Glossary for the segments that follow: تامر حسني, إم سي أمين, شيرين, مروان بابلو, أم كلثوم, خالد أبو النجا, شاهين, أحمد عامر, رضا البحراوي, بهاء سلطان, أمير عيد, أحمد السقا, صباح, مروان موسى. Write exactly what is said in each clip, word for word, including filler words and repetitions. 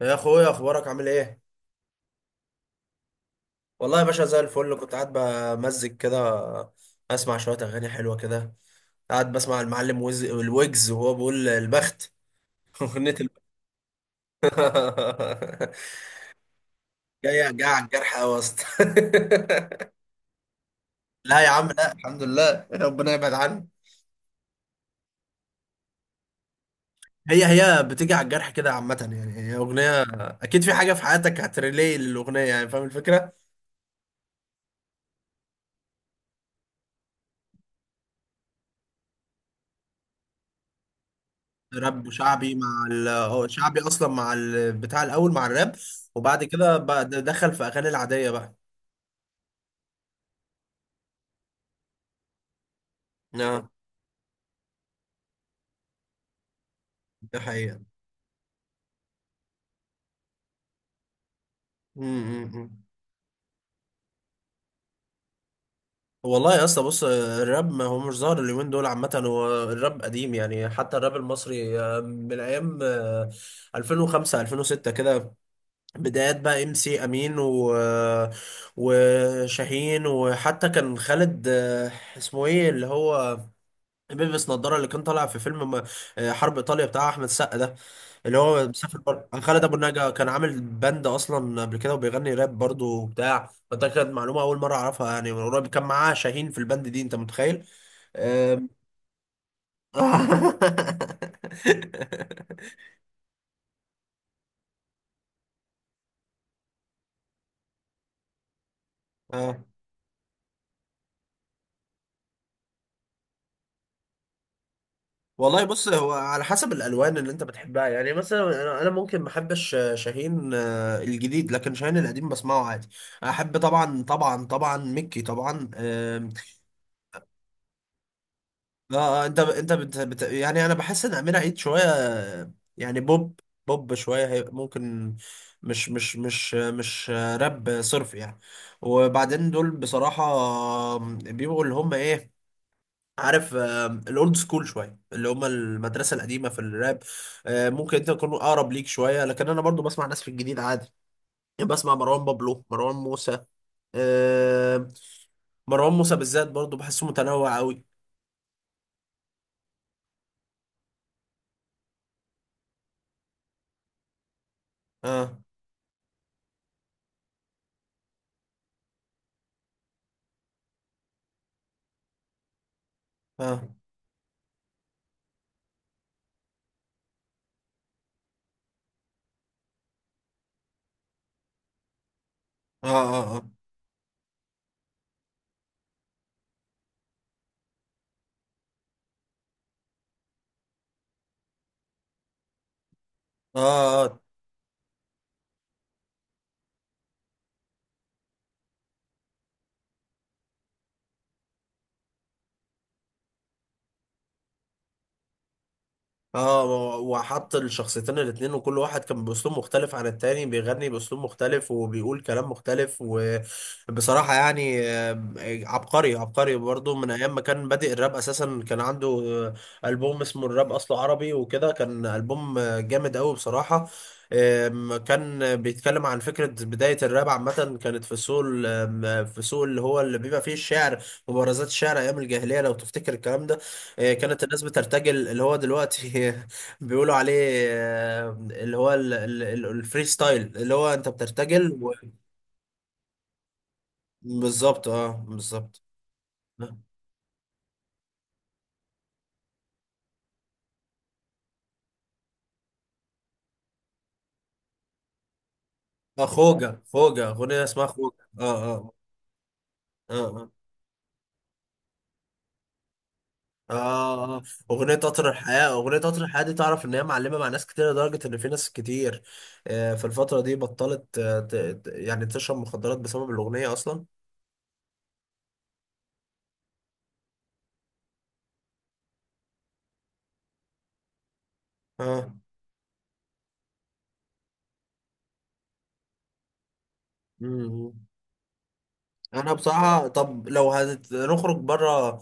يا اخويا، اخبارك عامل ايه؟ والله يا باشا زي الفل. كنت قاعد بمزج كده، اسمع شويه اغاني حلوه كده. قاعد بسمع المعلم وز... الويجز وهو بيقول البخت. اغنيه البخت. جاي جاي على الجرح قوي يا اسطى. لا يا عم، لا، الحمد لله، ربنا يبعد عني. هي هي بتيجي على الجرح كده، عامه يعني هي اغنيه. اكيد في حاجه في حياتك هتريلي للاغنيه، يعني فاهم الفكره. راب وشعبي مع ال، هو شعبي اصلا، مع ال بتاع الاول مع الراب. وبعد كده بقى د- دخل في اغاني العاديه بقى. اه، ده حقيقه. امم والله يا اسطى، بص، الراب ما هو مش ظاهر اليومين دول عامه. هو الراب قديم يعني، حتى الراب المصري آه، من ايام آه، ألفين وخمسة ألفين وستة كده. بدايات بقى ام سي امين و وشاهين، وحتى كان خالد آه، اسمه ايه اللي هو بيلبس نظارة، اللي كان طالع في فيلم م- آه، حرب إيطاليا بتاع أحمد السقا ده، اللي هو مسافر بره، خالد أبو النجا. كان عامل باند أصلا قبل كده وبيغني راب برضه وبتاع. فده كانت معلومة أول مرة أعرفها يعني من قريب. كان معاه شاهين في الباند دي، أنت متخيل؟ آم. اه، والله بص، هو على حسب الالوان اللي انت بتحبها يعني. مثلا انا أنا ممكن ما احبش شاهين آه، الجديد، لكن شاهين القديم بسمعه عادي. احب طبعا، طبعا، طبعا ميكي طبعا. اه. آه، انت انت بت... بت... يعني انا بحس ان امير عيد شويه، يعني بوب، بوب شويه هي ممكن، مش مش مش مش راب صرف يعني. وبعدين دول بصراحه بيبقوا اللي هم ايه، عارف، آه، الاولد سكول شويه، اللي هم المدرسه القديمه في الراب. آه، ممكن انت تكون اقرب ليك شويه، لكن انا برضو بسمع ناس في الجديد عادي. يعني بسمع مروان بابلو، مروان موسى آه، مروان موسى بالذات برضو بحسه متنوع قوي. اه، اه، اه، اه. آه. اه، اه، اه، و- وحط الشخصيتين الاتنين، وكل واحد كان باسلوب مختلف عن التاني، بيغني باسلوب مختلف وبيقول كلام مختلف، وبصراحة يعني آه، عبقري، عبقري برضو. من ايام ما كان بادئ الراب اساسا كان عنده آه، البوم اسمه الراب اصله عربي وكده، كان البوم آه، جامد قوي بصراحة. آم، كان بيتكلم عن فكرة بداية الراب عامة. كانت في السوق ال- آم، في السوق اللي هو اللي بيبقى فيه الشعر، مبارزات الشعر أيام الجاهلية، لو تفتكر الكلام ده. إيه، كانت الناس بترتجل اللي هو دلوقتي بيقولوا عليه آه، اللي هو ال- ال- ال- الفري ستايل، اللي هو انت بترتجل و... بالظبط، اه، بالظبط. اه، خوجة خوجة، اغنية اسمها خوجة، اه، اه. اه، اه، اه. آه. اغنية قطر الحياة، اغنية قطر الحياة دي، تعرف ان هي معلمة مع ناس كتير، لدرجة ان في ناس كتير آه، في الفترة دي بطلت آه، ت- ت- يعني تشرب مخدرات بسبب الاغنية اصلا. اه. مم. انا بصراحه، طب لو هنخرج بره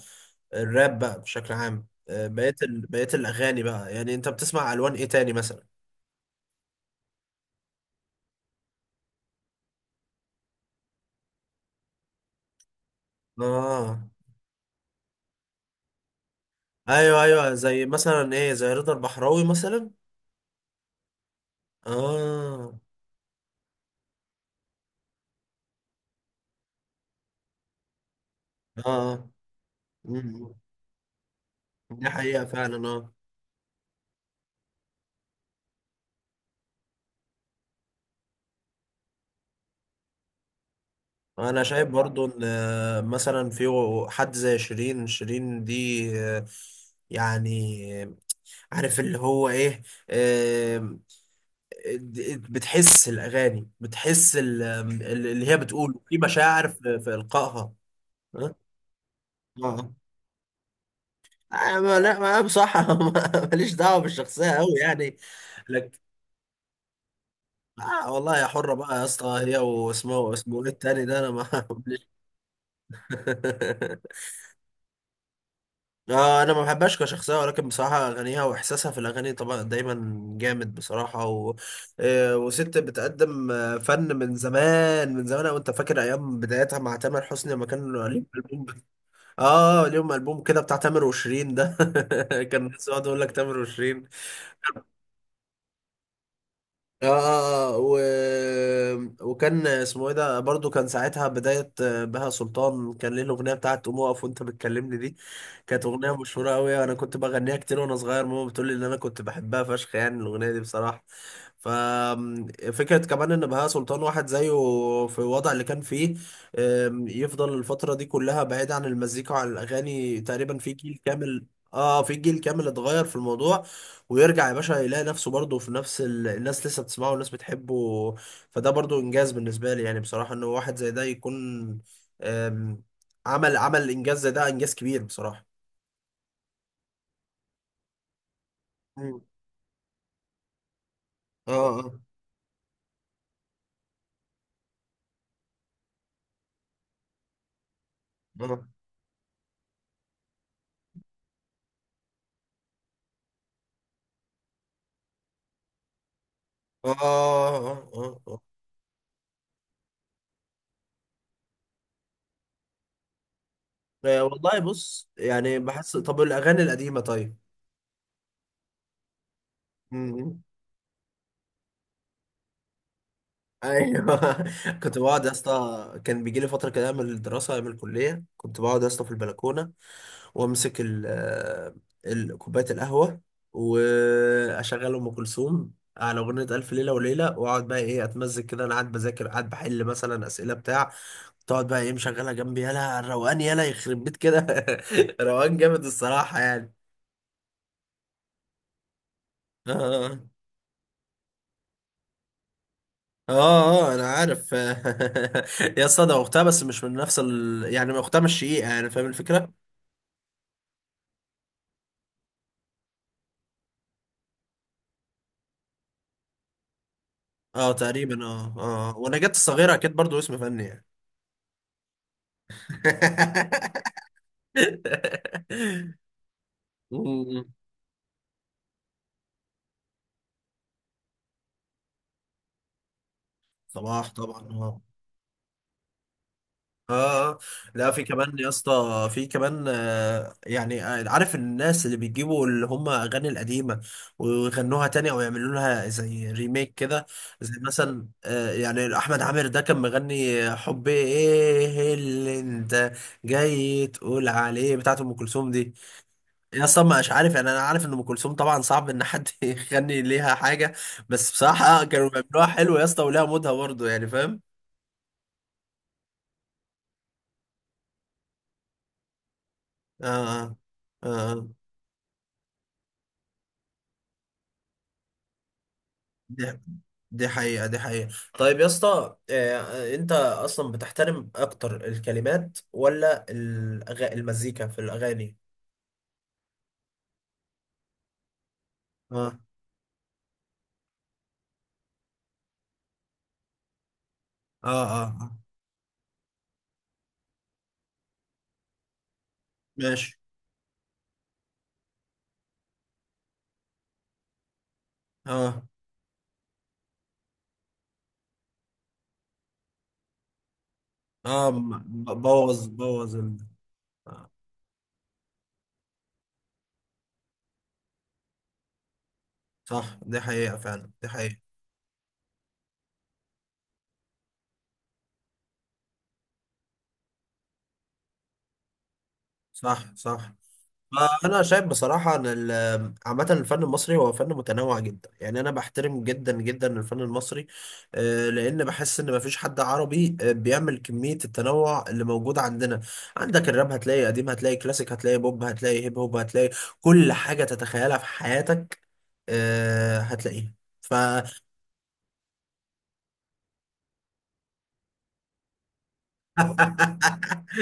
الراب بقى بشكل عام، آه، بقيه ال... بقيه الاغاني بقى، يعني انت بتسمع الوان ايه تاني مثلا؟ اه، ايوه، ايوه، زي مثلا ايه، زي رضا البحراوي مثلا. اه، اه. مم. دي حقيقه فعلا، اه. انا شايف برضو ان آه، مثلا في حد زي شيرين، شيرين دي آه، يعني آه، عارف اللي هو ايه، بتحس الأغاني، بتحس ال- ال- اللي هي بتقوله في مشاعر في في إلقائها. ها؟ اه. آه، ما لا ما بصراحة ما- ماليش دعوة بالشخصية أوي يعني. لك آه والله، يا حرة بقى يا اسطى هي، واسمه اسمه إيه التاني ده، أنا ما ماليش. آه انا ما بحبهاش كشخصيه، ولكن بصراحه اغانيها واحساسها في الاغاني طبعا دايما جامد بصراحه. و... آه، وست بتقدم آه، فن من زمان، من زمان. وانت فاكر ايام بدايتها مع تامر حسني لما كان ليهم البوم؟ اه، ليهم البوم كده بتاع تامر وشيرين ده. كان الناس يقعدوا يقول لك تامر وشيرين. اه، اه، اه، و- وكان اسمه ايه ده برضو، كان ساعتها بداية آه، بهاء سلطان كان ليه الأغنية بتاعت قوم اقف وانت بتكلمني دي. كانت أغنية مشهورة قوي. انا كنت بغنيها كتير وانا صغير، ماما بتقول لي ان انا كنت بحبها فشخ يعني الأغنية دي بصراحة. ففكرة كمان ان بهاء سلطان واحد زيه، في الوضع اللي كان فيه، آم، يفضل الفترة دي كلها بعيد عن المزيكا وعن الأغاني تقريبا في جيل كامل. اه، في جيل كامل اتغير في الموضوع، ويرجع يا باشا يلاقي نفسه برضه في نفس ال... الناس لسه بتسمعه والناس بتحبه. فده برضه انجاز بالنسبه لي، يعني بصراحه ان واحد زي ده يكون، أم، عمل عمل انجاز زي ده، انجاز كبير بصراحه. مم. اه، اه، اه، اه، اه، اه، اه. آه، والله بص، يعني بحس، طب الاغاني القديمه طيب؟ مم. ايوه، كنت بقعد يا اسطى، كان بيجي لي فتره كده من الدراسه، من الكليه، كنت بقعد يا اسطى في البلكونه. وامسك ال آه، ال- كوبايه القهوه، واشغل ام كلثوم على اغنيه الف ليله وليله، واقعد بقى ايه، اتمزج كده، انا قاعد بذاكر، قاعد بحل مثلا اسئله بتاع. تقعد بقى ايه مشغلها جنبي، يالا الروقان، يالا يخرب بيت كده روقان جامد الصراحه يعني. اه، اه، اه. آه، آه، انا عارف، يا اسطى ده اختها، بس مش من نفس ال... يعني اختها مش شقيقه، يعني فاهم الفكره. اه، تقريبا، اه. اه، ونجاة الصغيره اكيد برضو اسم فني يعني. مم. صباح طبعا، اه، اه. آه. لا، في كمان يا اسطى، في كمان آه يعني، آه، عارف الناس اللي بيجيبوا اللي هم اغاني القديمه ويغنوها تاني، او يعملوا لها زي ريميك كده. زي مثلا آه يعني احمد عامر ده كان مغني، حب ايه اللي انت جاي تقول عليه بتاعت ام كلثوم دي. يا اسطى مش عارف يعني، انا عارف ان ام كلثوم طبعا صعب ان حد يغني ليها حاجه. بس بصراحه كانوا بيعملوها حلو يا اسطى، وليها مودها برضه يعني فاهم. اه، اه. آه. دي دي حقيقه، دي حقيقه. طيب يا اسطى، آه، آه، انت اصلا بتحترم اكتر الكلمات، ولا الأغا... المزيكا في الاغاني؟ اه، اه، اه. آه. ماشي. اه، اه، م- بوظ بوظ ال... آه. صح، دي حقيقه فعلا، دي حقيقه. صح، صح. انا شايف بصراحه ان ال- عامه الفن المصري هو فن متنوع جدا، يعني انا بحترم جدا جدا الفن المصري. آه، لان بحس ان مفيش حد عربي آه، بيعمل كميه التنوع اللي موجود عندنا. عندك الراب، هتلاقي قديم، هتلاقي كلاسيك، هتلاقي بوب، هتلاقي هيب هوب، هتلاقي كل حاجه تتخيلها في حياتك آه، هتلاقيها.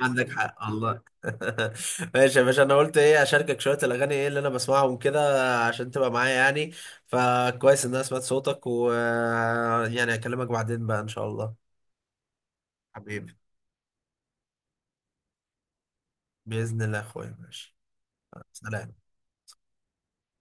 عندك حق، الله. ماشي يا باشا، انا قلت ايه اشاركك شويه الاغاني، ايه اللي انا بسمعهم كده، عشان تبقى معايا يعني. فكويس ان انا سمعت صوتك، و، يعني، اكلمك بعدين بقى ان شاء الله. حبيبي، باذن الله يا اخويا، ماشي، سلام.